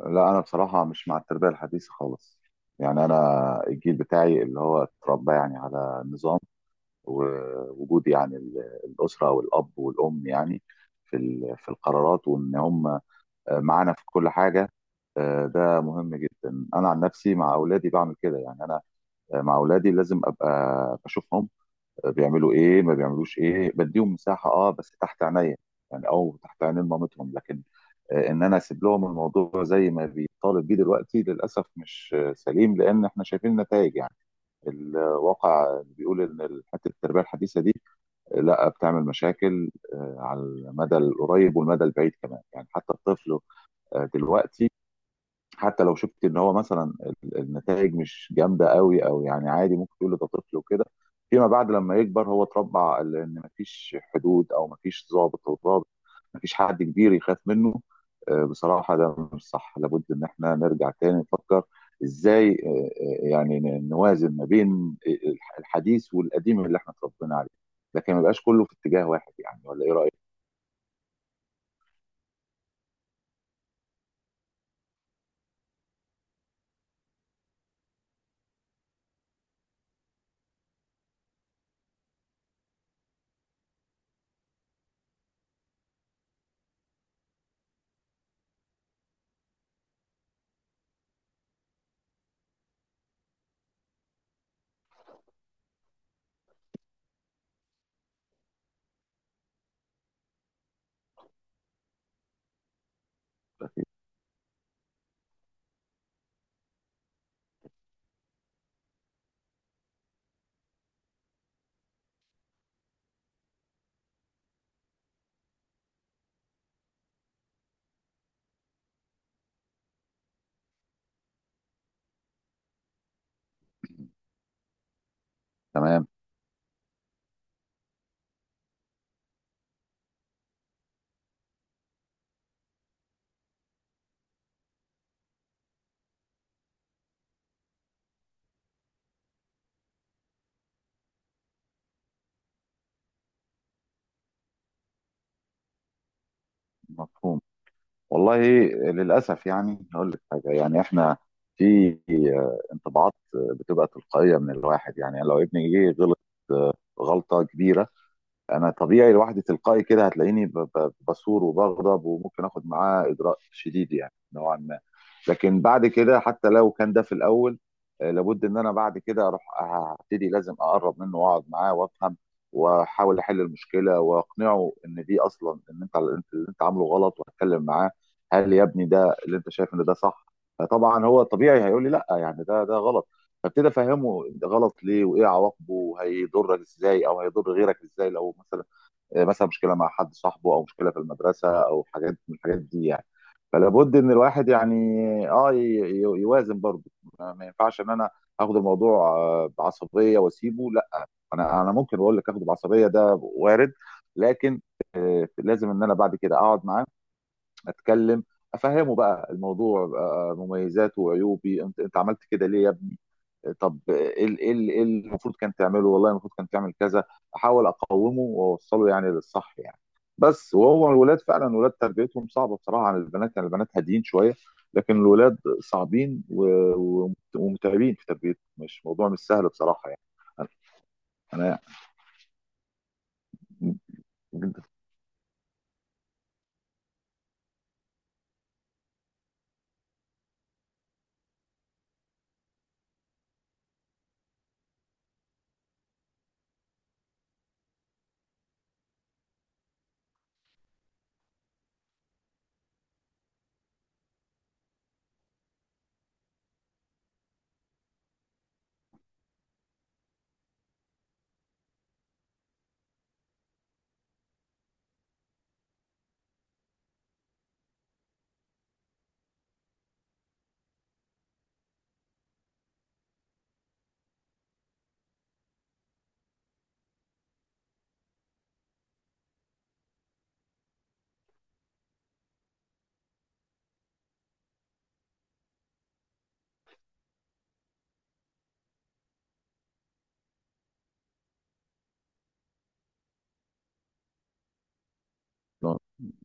لا، انا بصراحه مش مع التربيه الحديثه خالص. يعني انا الجيل بتاعي اللي هو اتربى يعني على نظام، ووجود يعني الاسره والاب والام، يعني في القرارات وان هم معانا في كل حاجه. ده مهم جدا، انا عن نفسي مع اولادي بعمل كده، يعني انا مع اولادي لازم ابقى بشوفهم بيعملوا ايه ما بيعملوش ايه، بديهم مساحه بس تحت عينيا، يعني او تحت عينين مامتهم، لكن ان انا اسيب لهم الموضوع زي ما بيطالب بيه دلوقتي للاسف مش سليم، لان احنا شايفين النتائج يعني. الواقع بيقول ان حته التربيه الحديثه دي لا، بتعمل مشاكل على المدى القريب والمدى البعيد كمان، يعني حتى الطفل دلوقتي حتى لو شفت ان هو مثلا النتائج مش جامده قوي، او يعني عادي ممكن تقول ده طفل وكده. فيما بعد لما يكبر هو اتربى على ان مفيش حدود او مفيش ضابط، مفيش حد كبير يخاف منه. بصراحه ده مش صح، لابد ان احنا نرجع تاني نفكر ازاي، يعني نوازن ما بين الحديث والقديم اللي احنا اتربينا عليه، لكن ما يبقاش كله في اتجاه واحد، يعني ولا ايه رايك؟ تمام. مفهوم. والله، للأسف يعني هقول لك حاجة، يعني احنا في انطباعات بتبقى تلقائية من الواحد، يعني لو ابني جه غلط آه، غلطة كبيرة، انا طبيعي لوحدي تلقائي كده هتلاقيني بصور وبغضب، وممكن اخد معاه اجراء شديد يعني نوعا ما. لكن بعد كده، حتى لو كان ده في الاول، لابد ان انا بعد كده اروح هبتدي لازم اقرب منه واقعد معاه وافهم، واحاول احل المشكله واقنعه ان دي اصلا، ان انت اللي عامله غلط، واتكلم معاه. هل يا ابني ده اللي انت شايف ان ده صح؟ فطبعا هو طبيعي هيقول لي لا، يعني ده غلط. فابتدي افهمه ده غلط ليه، وايه عواقبه، وهيضرك ازاي او هيضر غيرك ازاي، لو مثلا مثلا مشكله مع حد صاحبه، او مشكله في المدرسه، او حاجات من الحاجات دي يعني. فلا بد ان الواحد يعني اه يوازن برضه. ما ينفعش ان انا اخد الموضوع بعصبيه واسيبه، لا. انا ممكن اقول لك، اخده بعصبيه ده وارد، لكن لازم ان انا بعد كده اقعد معاه، اتكلم، افهمه بقى الموضوع مميزاته وعيوبي، انت عملت كده ليه يا ابني؟ طب إيه اللي المفروض كان تعمله، والله المفروض كان تعمل كذا. احاول اقومه واوصله يعني للصح يعني. بس وهو الولاد تربيتهم صعبه بصراحه عن البنات، يعني البنات هاديين شويه، لكن الولاد صعبين ومتعبين في تربيتهم، مش موضوع مش سهل بصراحه يعني. انا...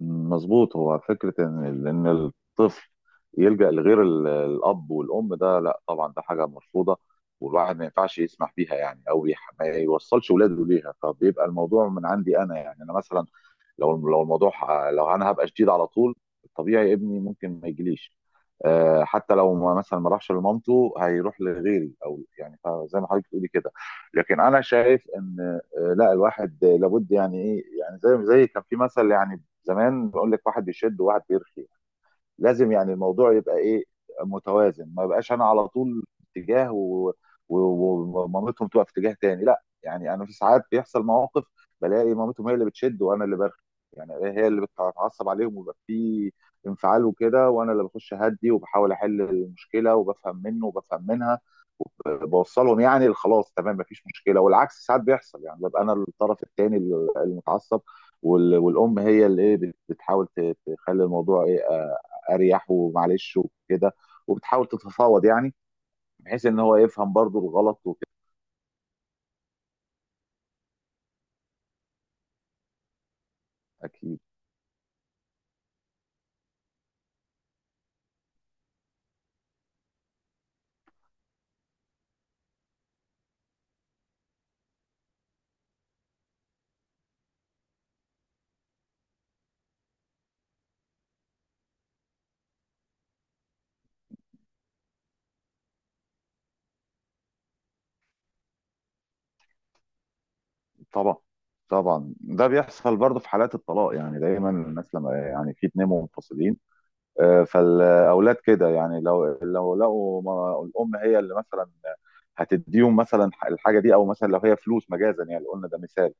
مظبوط، هو فكرة إن الطفل يلجأ لغير الأب والأم، ده لا طبعا، ده حاجة مرفوضة. والواحد ما ينفعش يسمح بيها يعني، أو ما يوصلش ولاده ليها، فبيبقى الموضوع من عندي أنا، يعني أنا مثلا لو الموضوع لو أنا هبقى شديد على طول، الطبيعي ابني ممكن ما يجيليش. حتى لو ما راحش لمامته هيروح لغيري، او يعني زي ما حضرتك بتقولي كده. لكن انا شايف ان لا، الواحد لابد يعني ايه، يعني زي كان في مثل يعني زمان بيقول لك، واحد بيشد وواحد بيرخي. لازم يعني الموضوع يبقى ايه، متوازن، ما يبقاش انا على طول في اتجاه ومامتهم تبقى في اتجاه تاني، لا يعني انا في ساعات بيحصل مواقف بلاقي مامتهم هي اللي بتشد وانا اللي برخي. يعني هي اللي بتتعصب عليهم، ويبقى في انفعال وكده، وانا اللي بخش اهدي وبحاول احل المشكله وبفهم منه وبفهم منها، بوصلهم يعني خلاص تمام مفيش مشكله. والعكس ساعات بيحصل، يعني ببقى انا الطرف الثاني المتعصب، والام هي اللي ايه بتحاول تخلي الموضوع ايه اريح ومعلش وكده، وبتحاول تتفاوض يعني، بحيث ان هو يفهم برضو الغلط وكده. اكيد. طبعا. طبعا ده بيحصل برضو في حالات الطلاق، يعني دايما الناس لما يعني في اتنين منفصلين، فالاولاد كده يعني لو لقوا الام هي اللي مثلا هتديهم مثلا الحاجه دي، او مثلا لو هي فلوس، مجازا يعني قلنا ده مثال.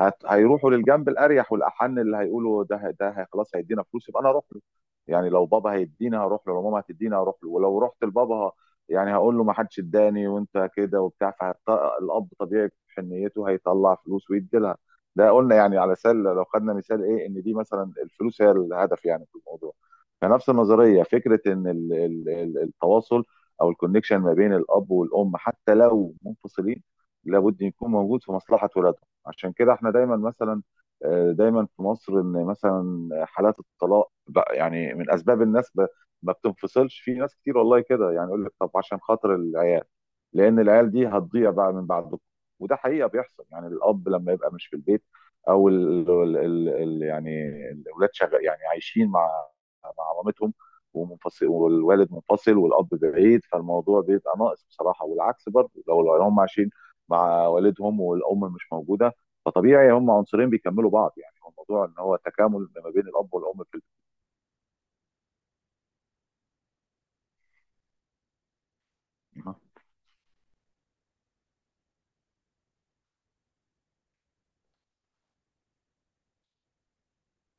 هيروحوا للجنب الاريح والاحن، اللي هيقولوا ده هي خلاص هيدينا فلوس، يبقى انا اروح له. يعني لو بابا هيديني هروح له، لو ماما هتديني هروح له، ولو رحت لبابا يعني هقول له ما حدش اداني وانت كده وبتاع. فالاب طبيعي في حنيته هيطلع فلوس ويدي لها. ده قلنا يعني على سله، لو خدنا مثال ايه، ان دي مثلا الفلوس هي الهدف يعني في الموضوع. فنفس النظريه، فكره ان التواصل او الكونكشن ما بين الاب والام، حتى لو منفصلين، لابد يكون موجود في مصلحه ولادهم. عشان كده احنا دايما مثلا دايما في مصر، ان مثلا حالات الطلاق بقى يعني من اسباب الناس ما بتنفصلش، في ناس كتير والله كده يعني يقول لك طب عشان خاطر العيال، لان العيال دي هتضيع بقى من بعد بكره. وده حقيقه بيحصل، يعني الاب لما يبقى مش في البيت، او ال ال ال ال يعني الاولاد شغال يعني عايشين مع مامتهم، ومنفصل والوالد منفصل والاب بعيد، فالموضوع بيبقى ناقص بصراحه. والعكس برضه لو هم عايشين مع والدهم والام مش موجوده، فطبيعي هم عنصرين بيكملوا بعض، يعني هو الموضوع ان هو تكامل ما بين الاب والام في البيت.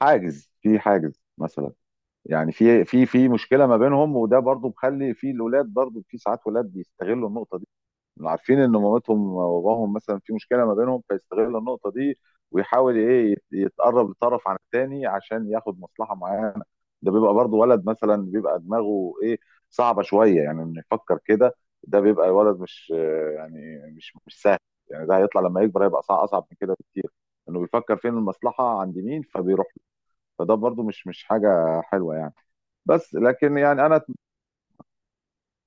في حاجز مثلا، يعني في مشكله ما بينهم، وده برضو مخلي في الاولاد برضو، في ساعات ولاد بيستغلوا النقطه دي، عارفين ان مامتهم وباباهم مثلا في مشكله ما بينهم، فيستغل النقطه دي ويحاول ايه يتقرب لطرف عن التاني عشان ياخد مصلحه معينه. ده بيبقى برضو ولد مثلا بيبقى دماغه ايه، صعبه شويه، يعني انه يفكر كده. ده بيبقى ولد مش يعني مش سهل، يعني ده هيطلع لما يكبر هيبقى صعب، اصعب من كده بكتير، انه بيفكر فين المصلحه عند مين فبيروح له. فده برضو مش حاجه حلوه يعني. بس لكن يعني انا...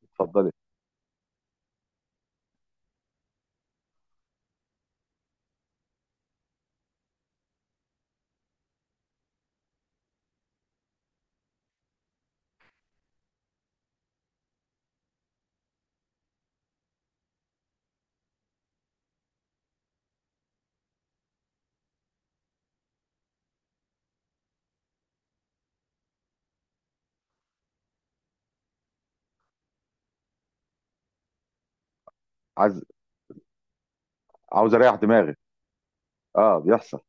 اتفضلي. عايز... عاوز اريح دماغي. اه، بيحصل.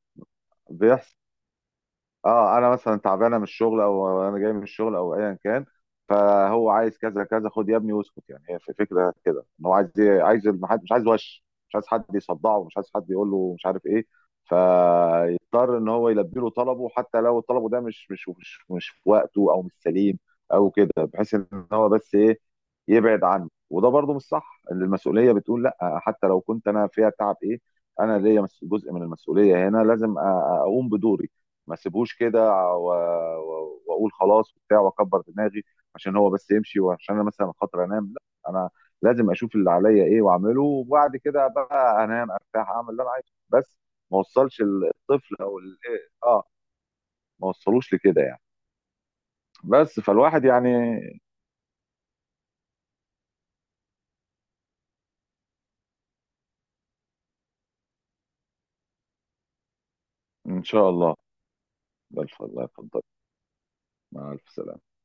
بيحصل. اه، انا مثلا تعبانه من الشغل، او انا جاي من الشغل، او ايا كان، فهو عايز كذا كذا، خد يا ابني واسكت. يعني هي في فكره كده، ان هو عايز المحد مش عايز وش مش عايز حد يصدعه، مش عايز حد يقول له مش عارف ايه. فيضطر ان هو يلبي له طلبه حتى لو طلبه ده مش في وقته، او مش سليم، او كده، بحيث ان هو بس ايه، يبعد عنه. وده برضه مش صح، ان المسؤوليه بتقول لا، حتى لو كنت انا فيها تعب ايه، انا ليا جزء من المسؤوليه هنا، لازم اقوم بدوري، ما سيبهوش كده و- واقول خلاص وبتاع واكبر دماغي، عشان هو بس يمشي، وعشان انا مثلا خاطر انام. لا، انا لازم اشوف اللي عليا ايه واعمله، وبعد كده بقى انام ارتاح اعمل اللي انا عايزه، بس ما وصلش الطفل او اه، ما وصلوش لكده يعني. بس فالواحد يعني... ان شاء الله. بالف، الله يفضل. مع الف سلامه.